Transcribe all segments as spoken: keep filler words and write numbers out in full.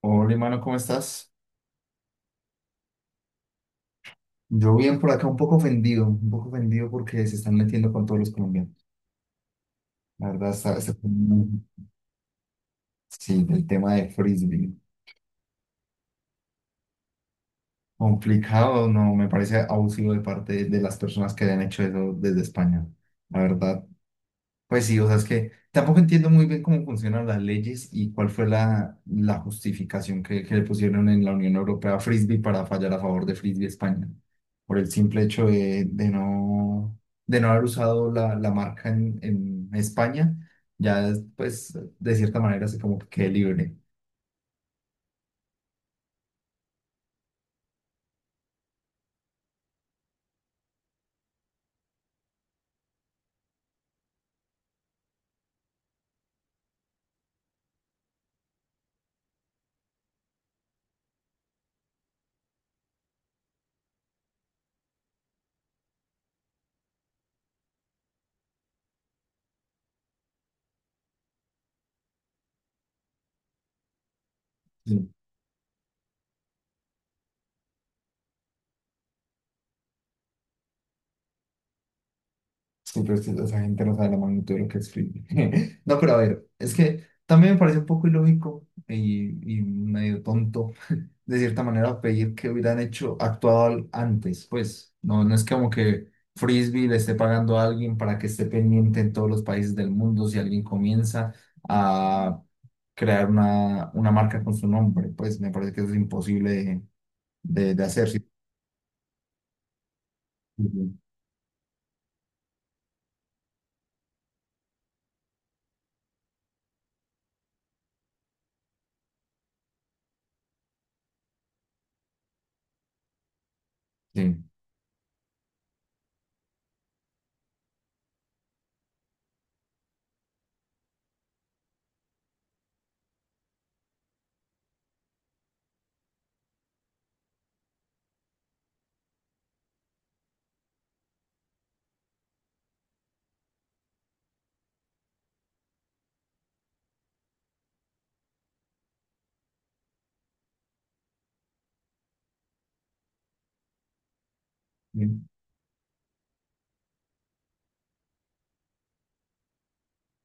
Hola, hermano, ¿cómo estás? Yo bien por acá, un poco ofendido, un poco ofendido porque se están metiendo con todos los colombianos. La verdad, está, está como- sí, el tema de frisbee. Complicado, no, me parece abusivo de parte de las personas que hayan hecho eso desde España. La verdad, pues sí, o sea, es que tampoco entiendo muy bien cómo funcionan las leyes y cuál fue la, la justificación que, que le pusieron en la Unión Europea a Frisbee para fallar a favor de Frisbee España, por el simple hecho de, de no, de no haber usado la, la marca en, en España, ya es, pues de cierta manera se como que quede libre. Sí, pues, sí, pero es que esa gente no sabe la magnitud de lo que es Frisbee. No, pero a ver, es que también me parece un poco ilógico y, y medio tonto de cierta manera pedir que hubieran hecho, actuado al- antes, pues no, no es como que Frisbee le esté pagando a alguien para que esté pendiente en todos los países del mundo si alguien comienza a crear una, una marca con su nombre, pues me parece que eso es imposible de, de, de hacer. Sí, sí, sí, sí,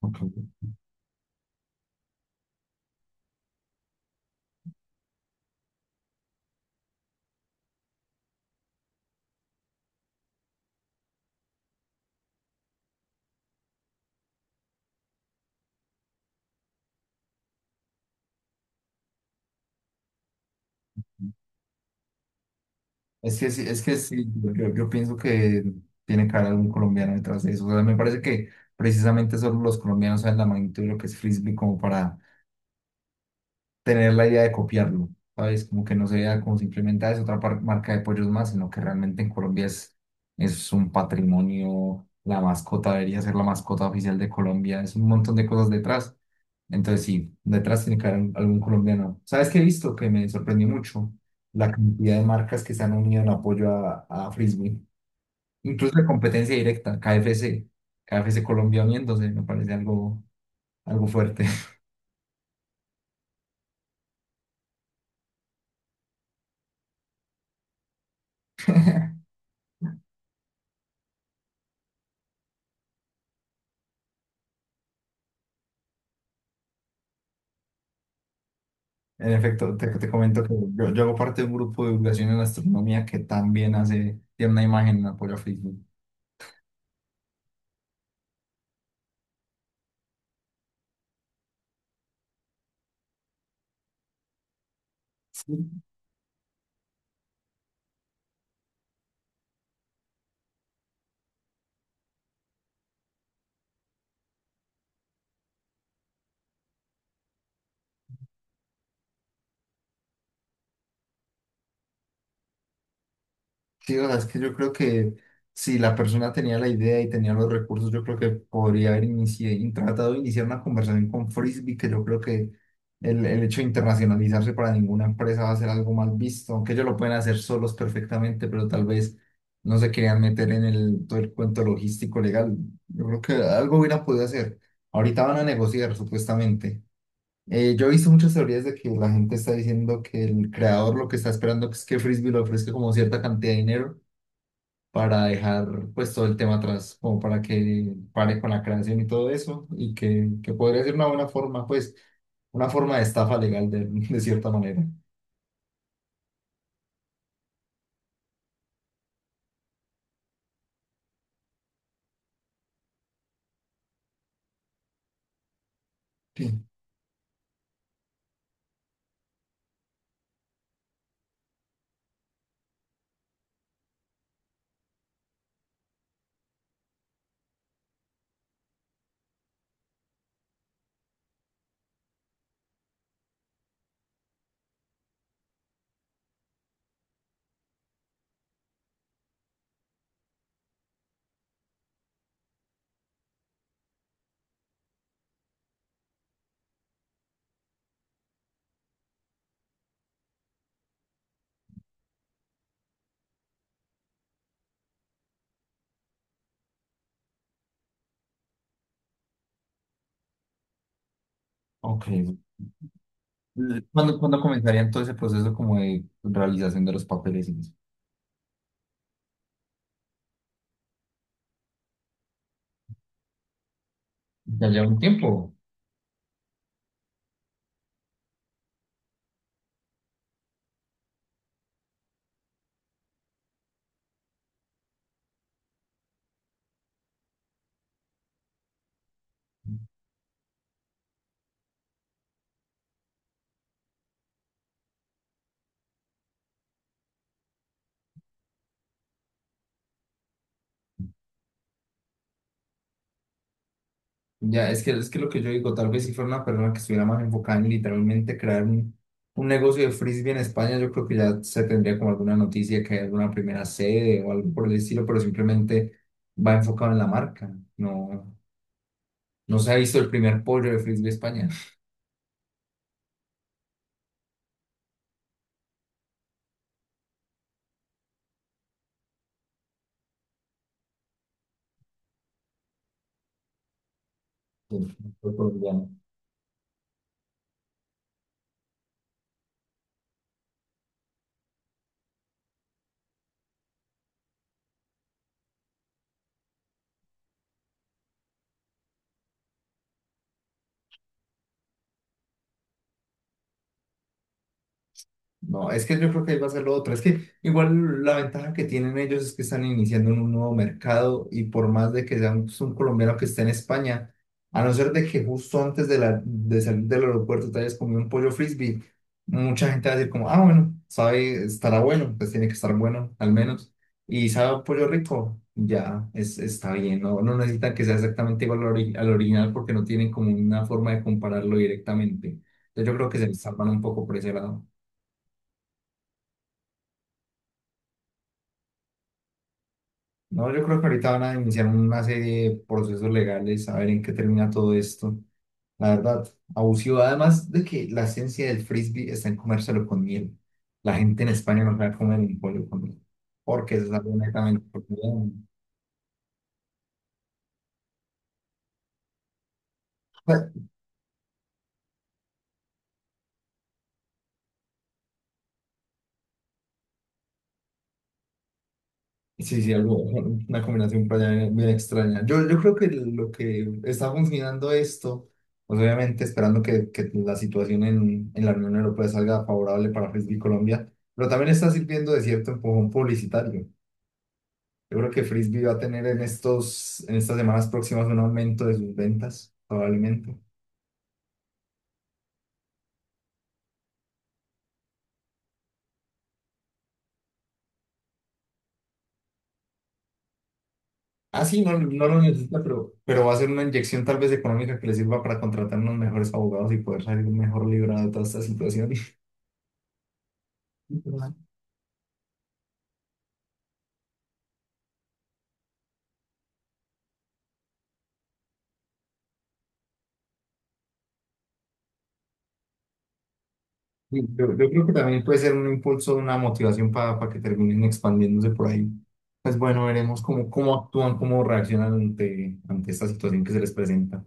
ok. Es que sí, es que sí, yo, yo pienso que tiene que haber algún colombiano detrás de eso. O sea, me parece que precisamente solo los colombianos saben la magnitud de lo que es frisbee como para tener la idea de copiarlo, ¿sabes? Como que no se vea como simplemente "Ah, es otra par- marca de pollos más", sino que realmente en Colombia es, es un patrimonio, la mascota debería ser la mascota oficial de Colombia, es un montón de cosas detrás. Entonces sí, detrás tiene que haber un- algún colombiano. ¿Sabes qué he visto? Que me sorprendió mucho la cantidad de marcas que se han unido en apoyo a, a Frisbee, incluso de competencia directa, K F C, K F C Colombia uniéndose, me parece algo, algo fuerte. En efecto, te, te comento que yo, yo hago parte de un grupo de divulgación en astronomía que también hace, tiene una imagen en apoyo a Facebook. Sí, o sea, es que yo creo que si la persona tenía la idea y tenía los recursos, yo creo que podría haber inici- in- tratado de iniciar una conversación con Frisbee, que yo creo que el, el hecho de internacionalizarse para ninguna empresa va a ser algo mal visto, aunque ellos lo pueden hacer solos perfectamente, pero tal vez no se querían meter en el, todo el cuento logístico legal. Yo creo que algo hubieran podido hacer. Ahorita van a negociar, supuestamente. Eh, yo he visto muchas teorías de que la gente está diciendo que el creador lo que está esperando es que Frisbee le ofrezca como cierta cantidad de dinero para dejar pues todo el tema atrás, como para que pare con la creación y todo eso, y que, que podría ser una buena forma, pues, una forma de estafa legal de, de cierta manera. Sí. Ok. ¿Cuándo, cuándo comenzaría todo ese proceso como de realización de los papeles y eso? Ya lleva un tiempo. Ya, es que es que lo que yo digo, tal vez si fuera una persona que estuviera más enfocada en literalmente crear un, un negocio de frisbee en España, yo creo que ya se tendría como alguna noticia que hay alguna primera sede o algo por el estilo, pero simplemente va enfocado en la marca. No, no se ha visto el primer pollo de frisbee España. Sí, fue colombiano. No, es que yo creo que ahí va a ser lo otro. Es que igual la ventaja que tienen ellos es que están iniciando en un nuevo mercado y por más de que sea un, un colombiano que esté en España, a no ser de que justo antes de, la, de salir del aeropuerto te hayas comido un pollo frisbee, mucha gente va a decir como, ah, bueno, sabe, estará bueno, pues tiene que estar bueno al menos. Y sabe a pollo rico, ya es, está bien, no, no necesitan que sea exactamente igual al, ori- al original porque no tienen como una forma de compararlo directamente. Entonces yo creo que se les salvan un poco por ese lado. No, yo creo que ahorita van a iniciar una serie de procesos legales, a ver en qué termina todo esto. La verdad, abusivo. Además de que la esencia del frisbee está en comérselo con miel. La gente en España no sabe comer un pollo con miel, porque eso es algo netamente. Colombiano. Sí, sí, algo, una combinación por allá bien, bien extraña. Yo, yo creo que lo que está funcionando esto, pues obviamente esperando que, que la situación en, en la Unión Europea salga favorable para Frisbee Colombia, pero también está sirviendo de cierto empujón publicitario. Yo creo que Frisbee va a tener en estos, en estas semanas próximas un aumento de sus ventas, probablemente. Ah, sí, no, no lo necesita, pero, pero va a ser una inyección tal vez económica que le sirva para contratar unos mejores abogados y poder salir mejor librado de toda esta situación. Literal. Sí, Yo, yo creo que también puede ser un impulso, una motivación para que terminen expandiéndose por ahí. Pues bueno, veremos cómo, cómo actúan, cómo reaccionan ante, ante esta situación que se les presenta.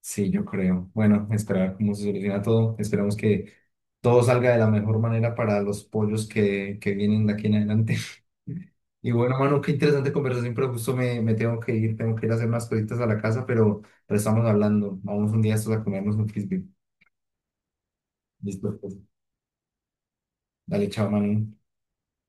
Sí, yo creo. Bueno, esperar cómo se soluciona todo. Esperamos que todo salga de la mejor manera para los pollos que, que vienen de aquí en adelante. Y bueno, mano, qué interesante conversación, pero justo me, me tengo que ir, tengo que ir a hacer unas cositas a la casa, pero, pero estamos hablando. Vamos un día estos a comernos un frisbee. Listo, pues. Dale, chao, mano.